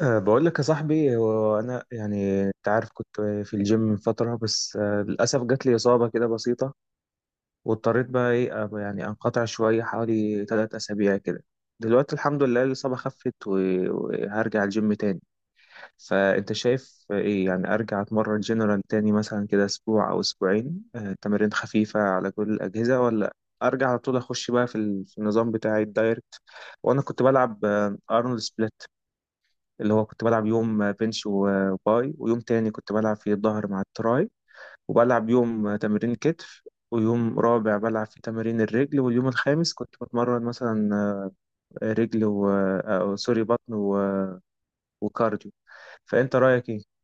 بقول لك يا صاحبي، هو انا يعني انت عارف كنت في الجيم من فتره، بس للاسف جات لي اصابه كده بسيطه، واضطريت بقى يعني انقطع شويه حوالي 3 اسابيع كده. دلوقتي الحمد لله الاصابه خفت وهرجع الجيم تاني. فانت شايف ايه؟ يعني ارجع اتمرن جنرال تاني مثلا كده اسبوع او اسبوعين، تمارين خفيفه على كل الاجهزه، ولا ارجع على طول اخش بقى في النظام بتاعي الدايركت. وانا كنت بلعب ارنولد سبليت، اللي هو كنت بلعب يوم بنش وباي، ويوم تاني كنت بلعب فيه الظهر مع التراي، وبلعب يوم تمرين كتف، ويوم رابع بلعب في تمارين الرجل، واليوم الخامس كنت بتمرن مثلا رجل و سوري بطن وكارديو. فأنت رأيك إيه؟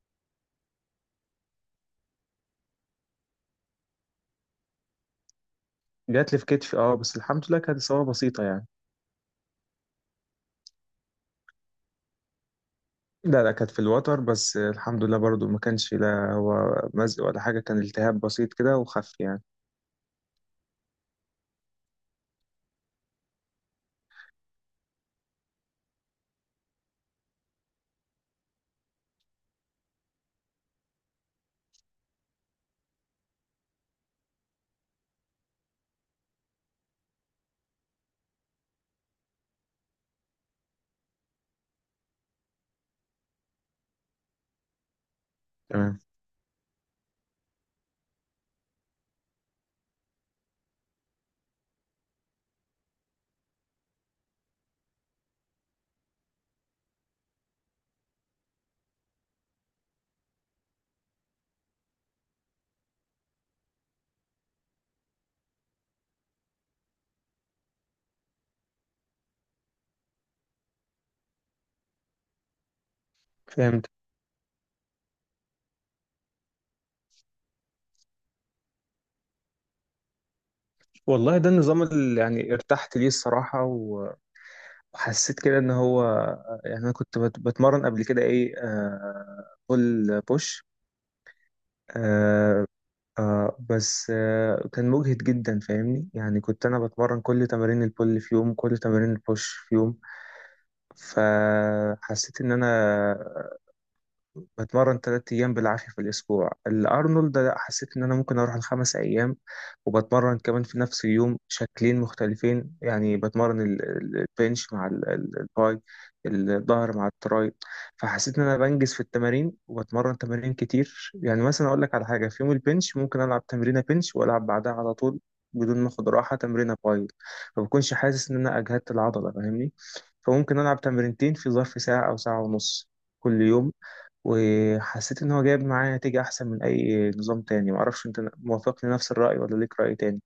جات لي في كتفي، اه، بس الحمد لله كانت إصابة بسيطة يعني. لا لا، كانت في الوتر، بس الحمد لله برضو ما كانش لا هو مزق ولا حاجة، كان التهاب بسيط كده وخف يعني. تمام. فهمت. والله ده النظام اللي يعني ارتحت ليه الصراحة، وحسيت كده ان هو، يعني انا كنت بتمرن قبل كده ايه، آه، بول بوش. آه. آه بس آه كان مجهد جدا، فاهمني؟ يعني كنت انا بتمرن كل تمارين البول في يوم، كل تمارين البوش في يوم. فحسيت ان انا بتمرن 3 أيام بالعافية في الأسبوع. الأرنولد لا، حسيت إن أنا ممكن أروح الـ 5 أيام، وبتمرن كمان في نفس اليوم شكلين مختلفين، يعني بتمرن البنش مع الباي، الظهر مع التراي. فحسيت إن أنا بنجز في التمارين، وبتمرن تمارين كتير. يعني مثلا أقول لك على حاجة، في يوم البنش ممكن ألعب تمرينة بنش وألعب بعدها على طول بدون ما اخد راحة تمرينة باي، فبكونش حاسس إن أنا أجهدت العضلة، فاهمني؟ فممكن ألعب تمرينتين في ظرف ساعة أو ساعة ونص كل يوم. وحسيت إن هو جايب معاه نتيجة أحسن من أي نظام تاني. معرفش أنت موافقني نفس الرأي ولا ليك رأي تاني.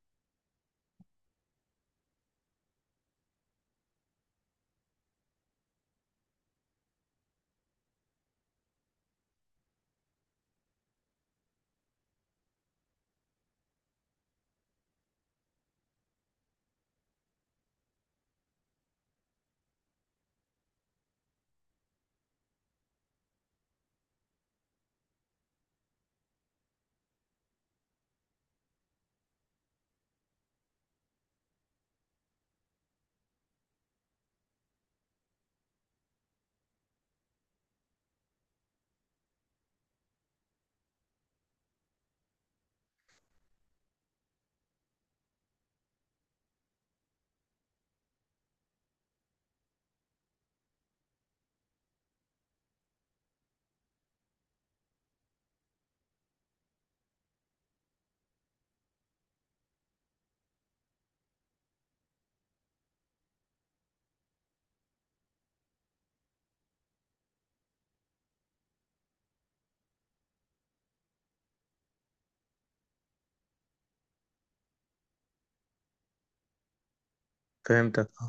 فهمتك آه.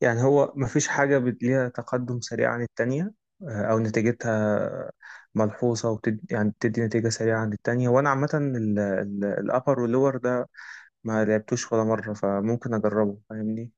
يعني هو مفيش حاجة ليها تقدم سريع عن التانية، آه، أو نتيجتها ملحوظة يعني بتدي نتيجة سريعة عن التانية؟ وأنا عامة الأبر واللور ده ما لعبتوش ولا مرة، فممكن أجربه، فاهمني.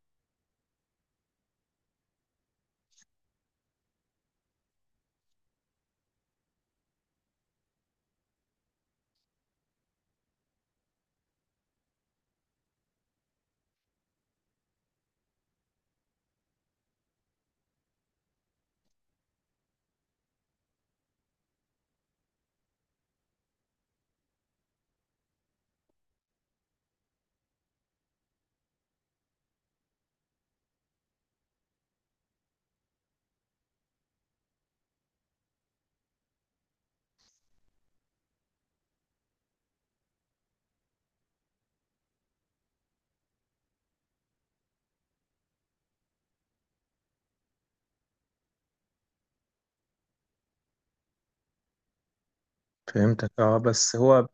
فهمتك اه. بس هو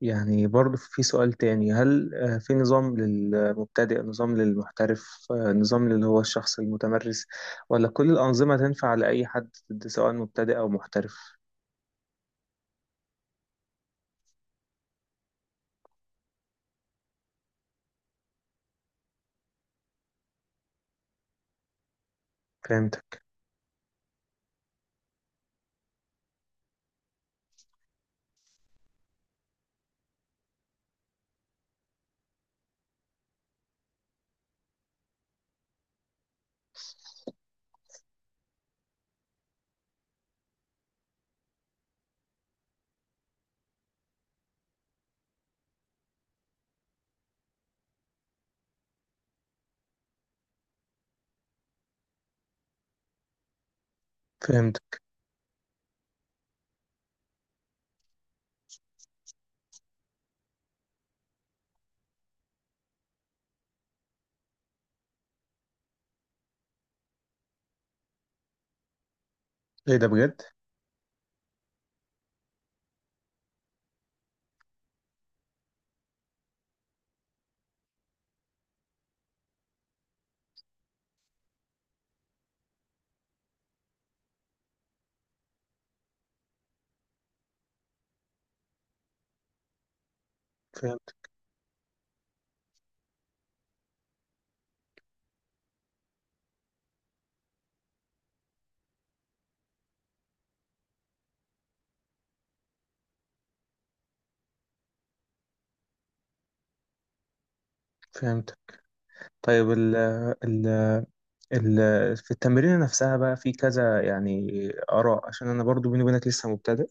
يعني برضه في سؤال تاني، هل آه، في نظام للمبتدئ، نظام للمحترف، آه، نظام اللي هو الشخص المتمرس، ولا كل الأنظمة تنفع لأي حد سواء مبتدئ أو محترف؟ فهمتك. فهمتك. إيه ده بجد. فهمتك. فهمتك. طيب، ال ال ال في التمرين نفسها بقى في كذا يعني آراء. عشان أنا برضو بيني وبينك لسه مبتدئ،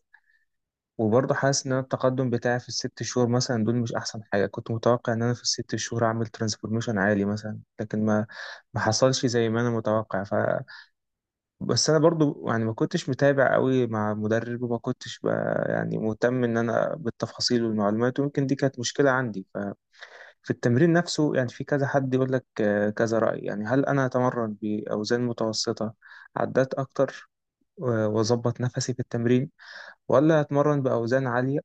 وبرضه حاسس ان أنا التقدم بتاعي في الـ 6 شهور مثلا دول مش احسن حاجه. كنت متوقع ان انا في الـ 6 شهور اعمل ترانسفورميشن عالي مثلا، لكن ما حصلش زي ما انا متوقع. بس انا برضه يعني ما كنتش متابع قوي مع مدرب، وما كنتش يعني مهتم ان انا بالتفاصيل والمعلومات، ويمكن دي كانت مشكله عندي. ففي التمرين نفسه يعني في كذا حد يقول لك آه، كذا راي. يعني هل انا اتمرن باوزان متوسطه عدات اكتر واظبط نفسي في التمرين، ولا أتمرن بأوزان عالية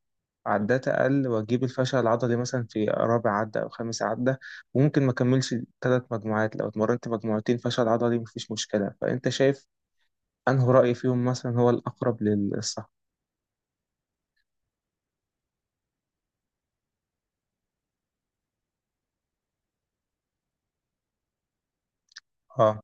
عدات أقل وأجيب الفشل العضلي مثلا في رابع عدة أو خامس عدة، وممكن ما أكملش 3 مجموعات؟ لو اتمرنت مجموعتين فشل عضلي مفيش مشكلة. فأنت شايف أنه رأي فيهم مثلا هو الأقرب للصح؟ اه.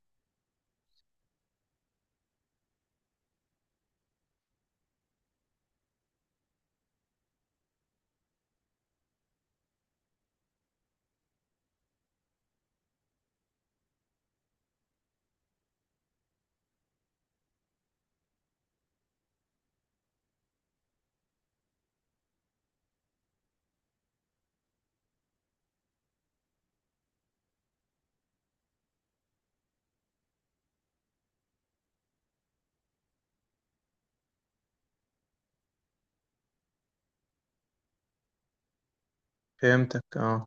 فهمتك اه.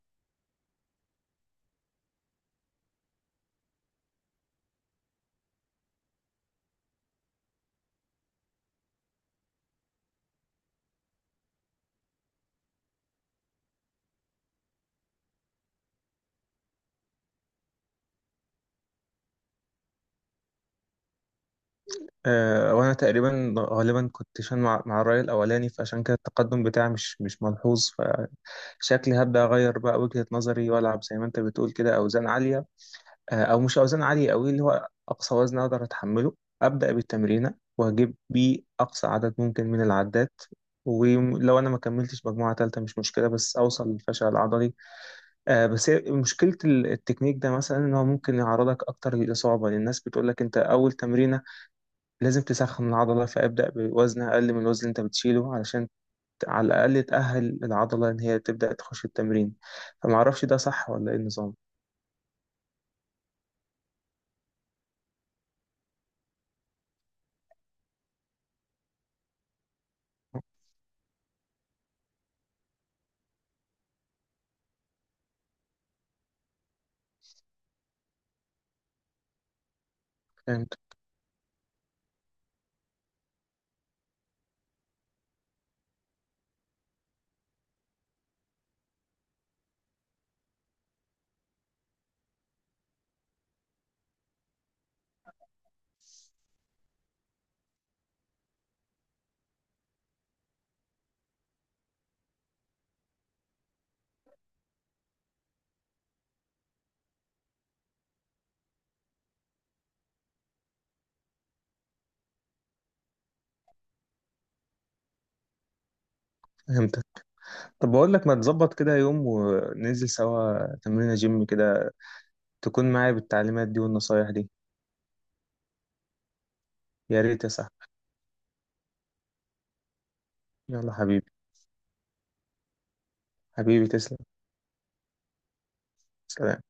آه، وانا تقريبا غالبا كنت شان مع الرأي الأولاني، فعشان كده التقدم بتاعي مش ملحوظ. فشكلي هبدأ أغير بقى وجهة نظري، وألعب زي ما أنت بتقول كده أوزان عالية، آه، او مش اوزان عاليه قوي، اللي هو اقصى وزن اقدر اتحمله ابدا بالتمرينه، واجيب بيه اقصى عدد ممكن من العدات. ولو انا ما كملتش مجموعه ثالثه مش مشكله، بس اوصل للفشل العضلي. آه، بس هي مشكله التكنيك ده مثلا ان هو ممكن يعرضك اكتر للاصابه، لأن الناس بتقول لك انت اول تمرينه لازم تسخن العضله، فابدا بوزن اقل من الوزن اللي انت بتشيله علشان على الاقل تاهل العضله ان هي تبدا تخش التمرين. فما اعرفش ده صح ولا ايه النظام. فهمت. فهمت. طب بقول لك، ما تظبط كده يوم، وننزل سوا تمرينة جيم كده، تكون معايا بالتعليمات دي والنصايح دي. يا ريت يا صاحبي. يلا حبيبي. حبيبي تسلم. سلام.